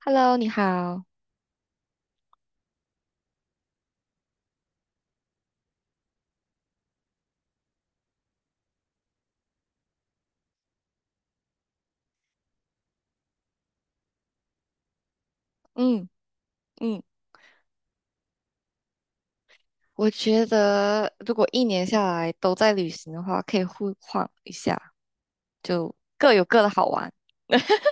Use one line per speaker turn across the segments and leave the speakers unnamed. Hello，你好。嗯嗯，我觉得如果一年下来都在旅行的话，可以互换一下，就各有各的好玩。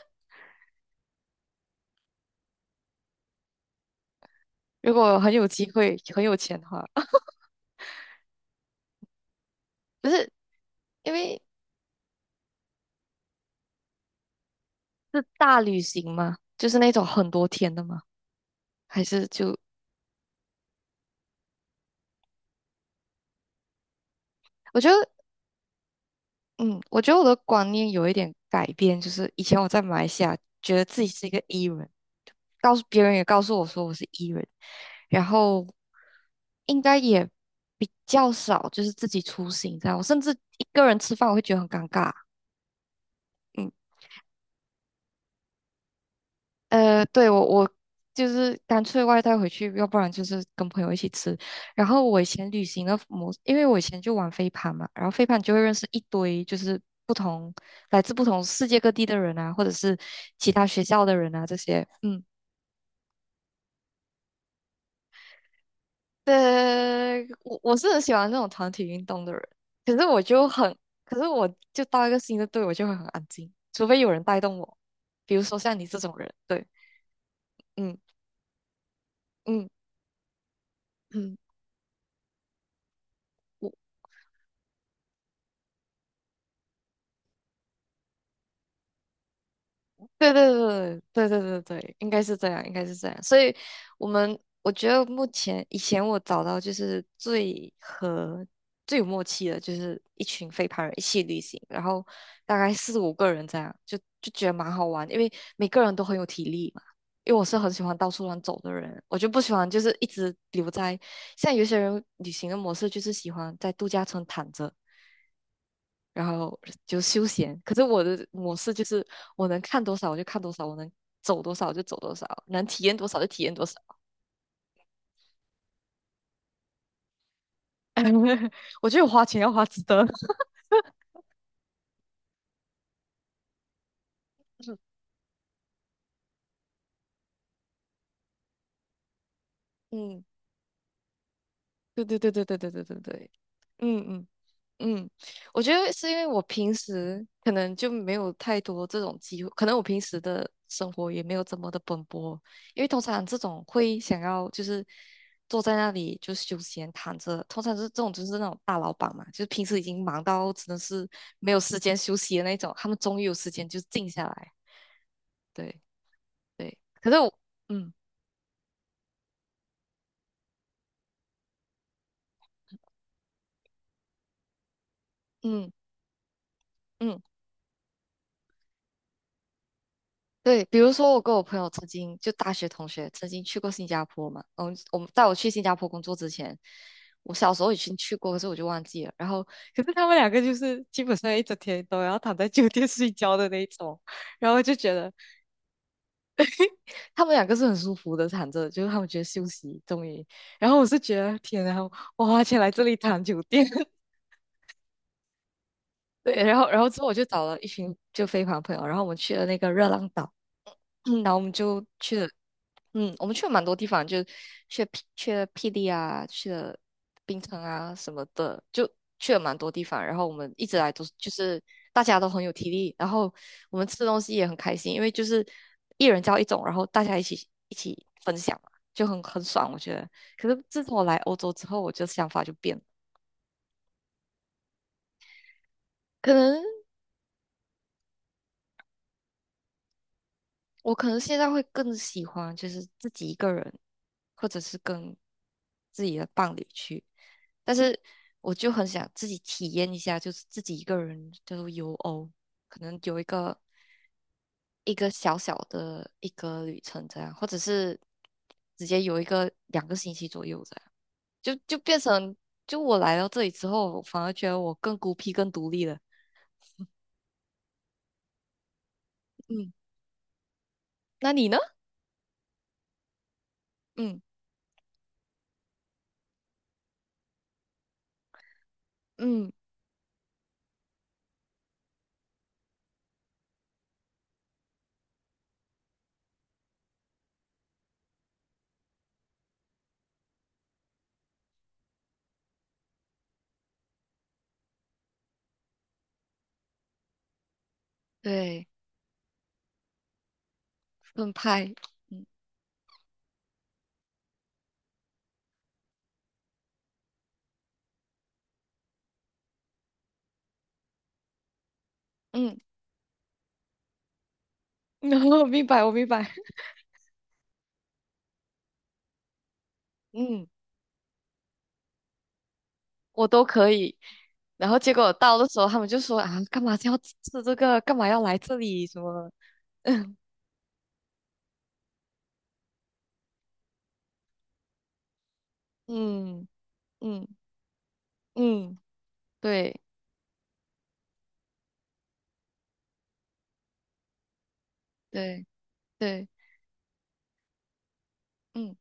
如果很有机会、很有钱的话，不是因为是大旅行吗？就是那种很多天的吗？还是就我觉得。嗯，我觉得我的观念有一点改变，就是以前我在马来西亚觉得自己是一个 E 人，告诉别人也告诉我说我是 E 人，然后应该也比较少就是自己出行这样，我甚至一个人吃饭我会觉得很尴尬，嗯。呃，对，我就是干脆外带回去，要不然就是跟朋友一起吃。然后我以前旅行的模，因为我以前就玩飞盘嘛，然后飞盘就会认识一堆就是不同来自不同世界各地的人啊，或者是其他学校的人啊这些。嗯，对，我是很喜欢这种团体运动的人，可是我就很，可是我就到一个新的队，我就会很安静，除非有人带动我，比如说像你这种人。对，嗯嗯嗯。我。对对对对对对对，应该是这样，应该是这样。所以，我们我觉得目前以前我找到就是最和最有默契的，就是一群飞盘人一起旅行，然后大概四五个人这样，就觉得蛮好玩，因为每个人都很有体力嘛。因为我是很喜欢到处乱走的人，我就不喜欢就是一直留在。像有些人旅行的模式就是喜欢在度假村躺着，然后就休闲。可是我的模式就是我能看多少我就看多少，我能走多少就走多少，能体验多少就体验多少。我觉得我花钱要花值得。嗯，对对对对对对对对对，嗯嗯。嗯，我觉得是因为我平时可能就没有太多这种机会，可能我平时的生活也没有这么的奔波，因为通常这种会想要就是坐在那里就休闲躺着，通常是这种就是那种大老板嘛，就是平时已经忙到真的是没有时间休息的那种，他们终于有时间就静下来，对对，可是我，嗯嗯嗯。对，比如说我跟我朋友曾经就大学同学曾经去过新加坡嘛，嗯，我们在我去新加坡工作之前，我小时候已经去过，可是我就忘记了。然后，可是他们两个就是基本上一整天都要躺在酒店睡觉的那一种，然后就觉得他们两个是很舒服的躺着，就是他们觉得休息终于。然后我是觉得天啊，我花钱来这里躺酒店，对，然后之后我就找了一群就飞盘朋友，然后我们去了那个热浪岛。嗯，然后我们就去了，嗯，我们去了蛮多地方，就去了霹雳啊，去了冰城啊什么的，就去了蛮多地方。然后我们一直来都是就是大家都很有体力，然后我们吃东西也很开心，因为就是一人叫一种，然后大家一起分享嘛，就很爽，我觉得。可是自从我来欧洲之后，我就想法就变了，可能。我可能现在会更喜欢就是自己一个人，或者是跟自己的伴侣去，但是我就很想自己体验一下，就是自己一个人就是游欧，可能有一个小小的一个旅程这样，或者是直接有一个2个星期左右这样，就变成就我来到这里之后，我反而觉得我更孤僻、更独立了。嗯，那你呢？嗯嗯，对，分派。嗯嗯。然后明白，我明白，嗯，我都可以。然后结果到的时候，他们就说啊，干嘛要吃这个？干嘛要来这里？什么？嗯嗯嗯嗯，对对对，嗯，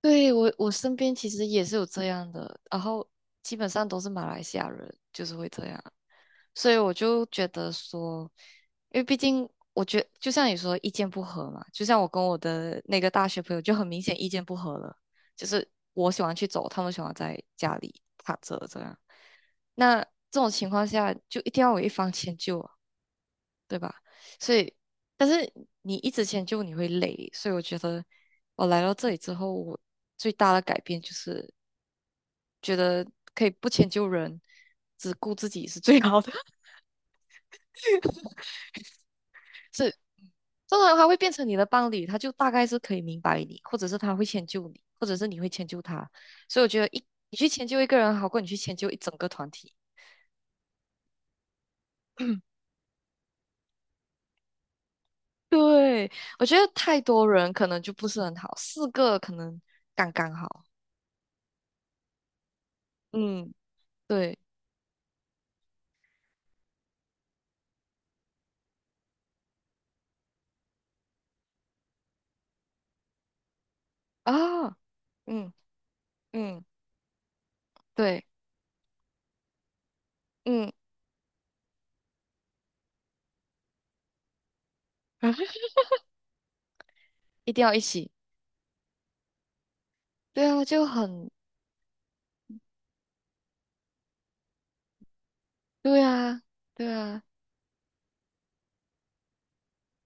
对我身边其实也是有这样的，然后基本上都是马来西亚人，就是会这样。所以我就觉得说，因为毕竟我觉就像你说意见不合嘛，就像我跟我的那个大学朋友就很明显意见不合了，就是我喜欢去走，他们喜欢在家里躺着这样。那这种情况下就一定要有一方迁就啊，对吧？所以，但是你一直迁就你会累，所以我觉得我来到这里之后，我最大的改变就是觉得可以不迁就人，只顾自己是最好的。这通常他会变成你的伴侣，他就大概是可以明白你，或者是他会迁就你，或者是你会迁就他。所以我觉得一你去迁就一个人，好过你去迁就一整个团体。对，我觉得太多人可能就不是很好，四个可能刚刚好。嗯，对啊，嗯嗯，对，嗯，一定要一起。对啊，就很对啊，对啊。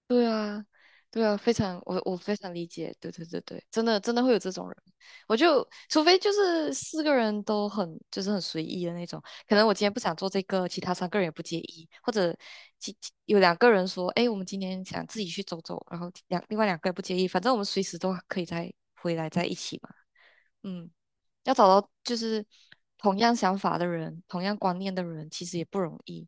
对啊，对啊，非常，我非常理解，对对对对，真的真的会有这种人，我就除非就是四个人都很就是很随意的那种，可能我今天不想做这个，其他三个人也不介意，或者其有两个人说，哎，我们今天想自己去走走，然后另外两个也不介意，反正我们随时都可以再回来在一起嘛，嗯，要找到就是同样想法的人，同样观念的人，其实也不容易，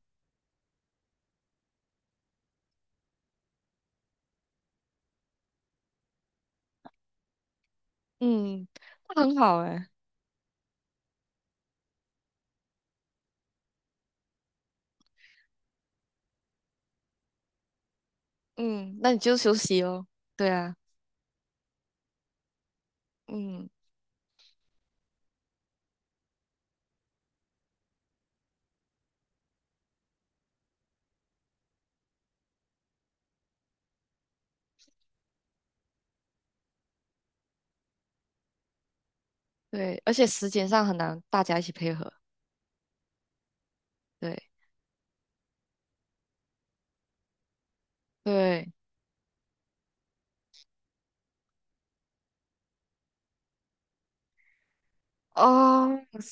嗯，那很好哎、嗯，那你就休息哦。对啊，嗯，对，而且时间上很难大家一起配合。对对，哦，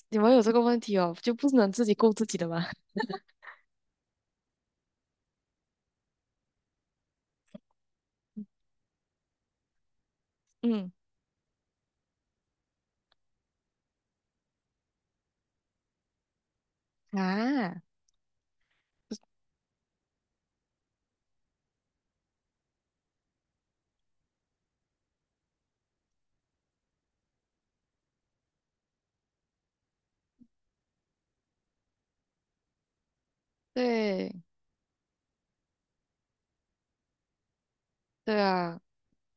你们有这个问题哦，就不能自己顾自己的吗？嗯啊，对对啊，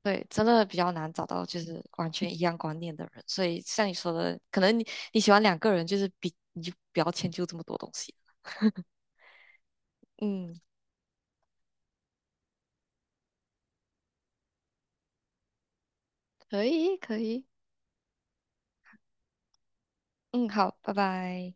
对，真的比较难找到就是完全一样观念的人。所以像你说的，可能你你喜欢两个人，就是比你就不要迁就这么多东西。嗯，可以可以，嗯，好，拜拜。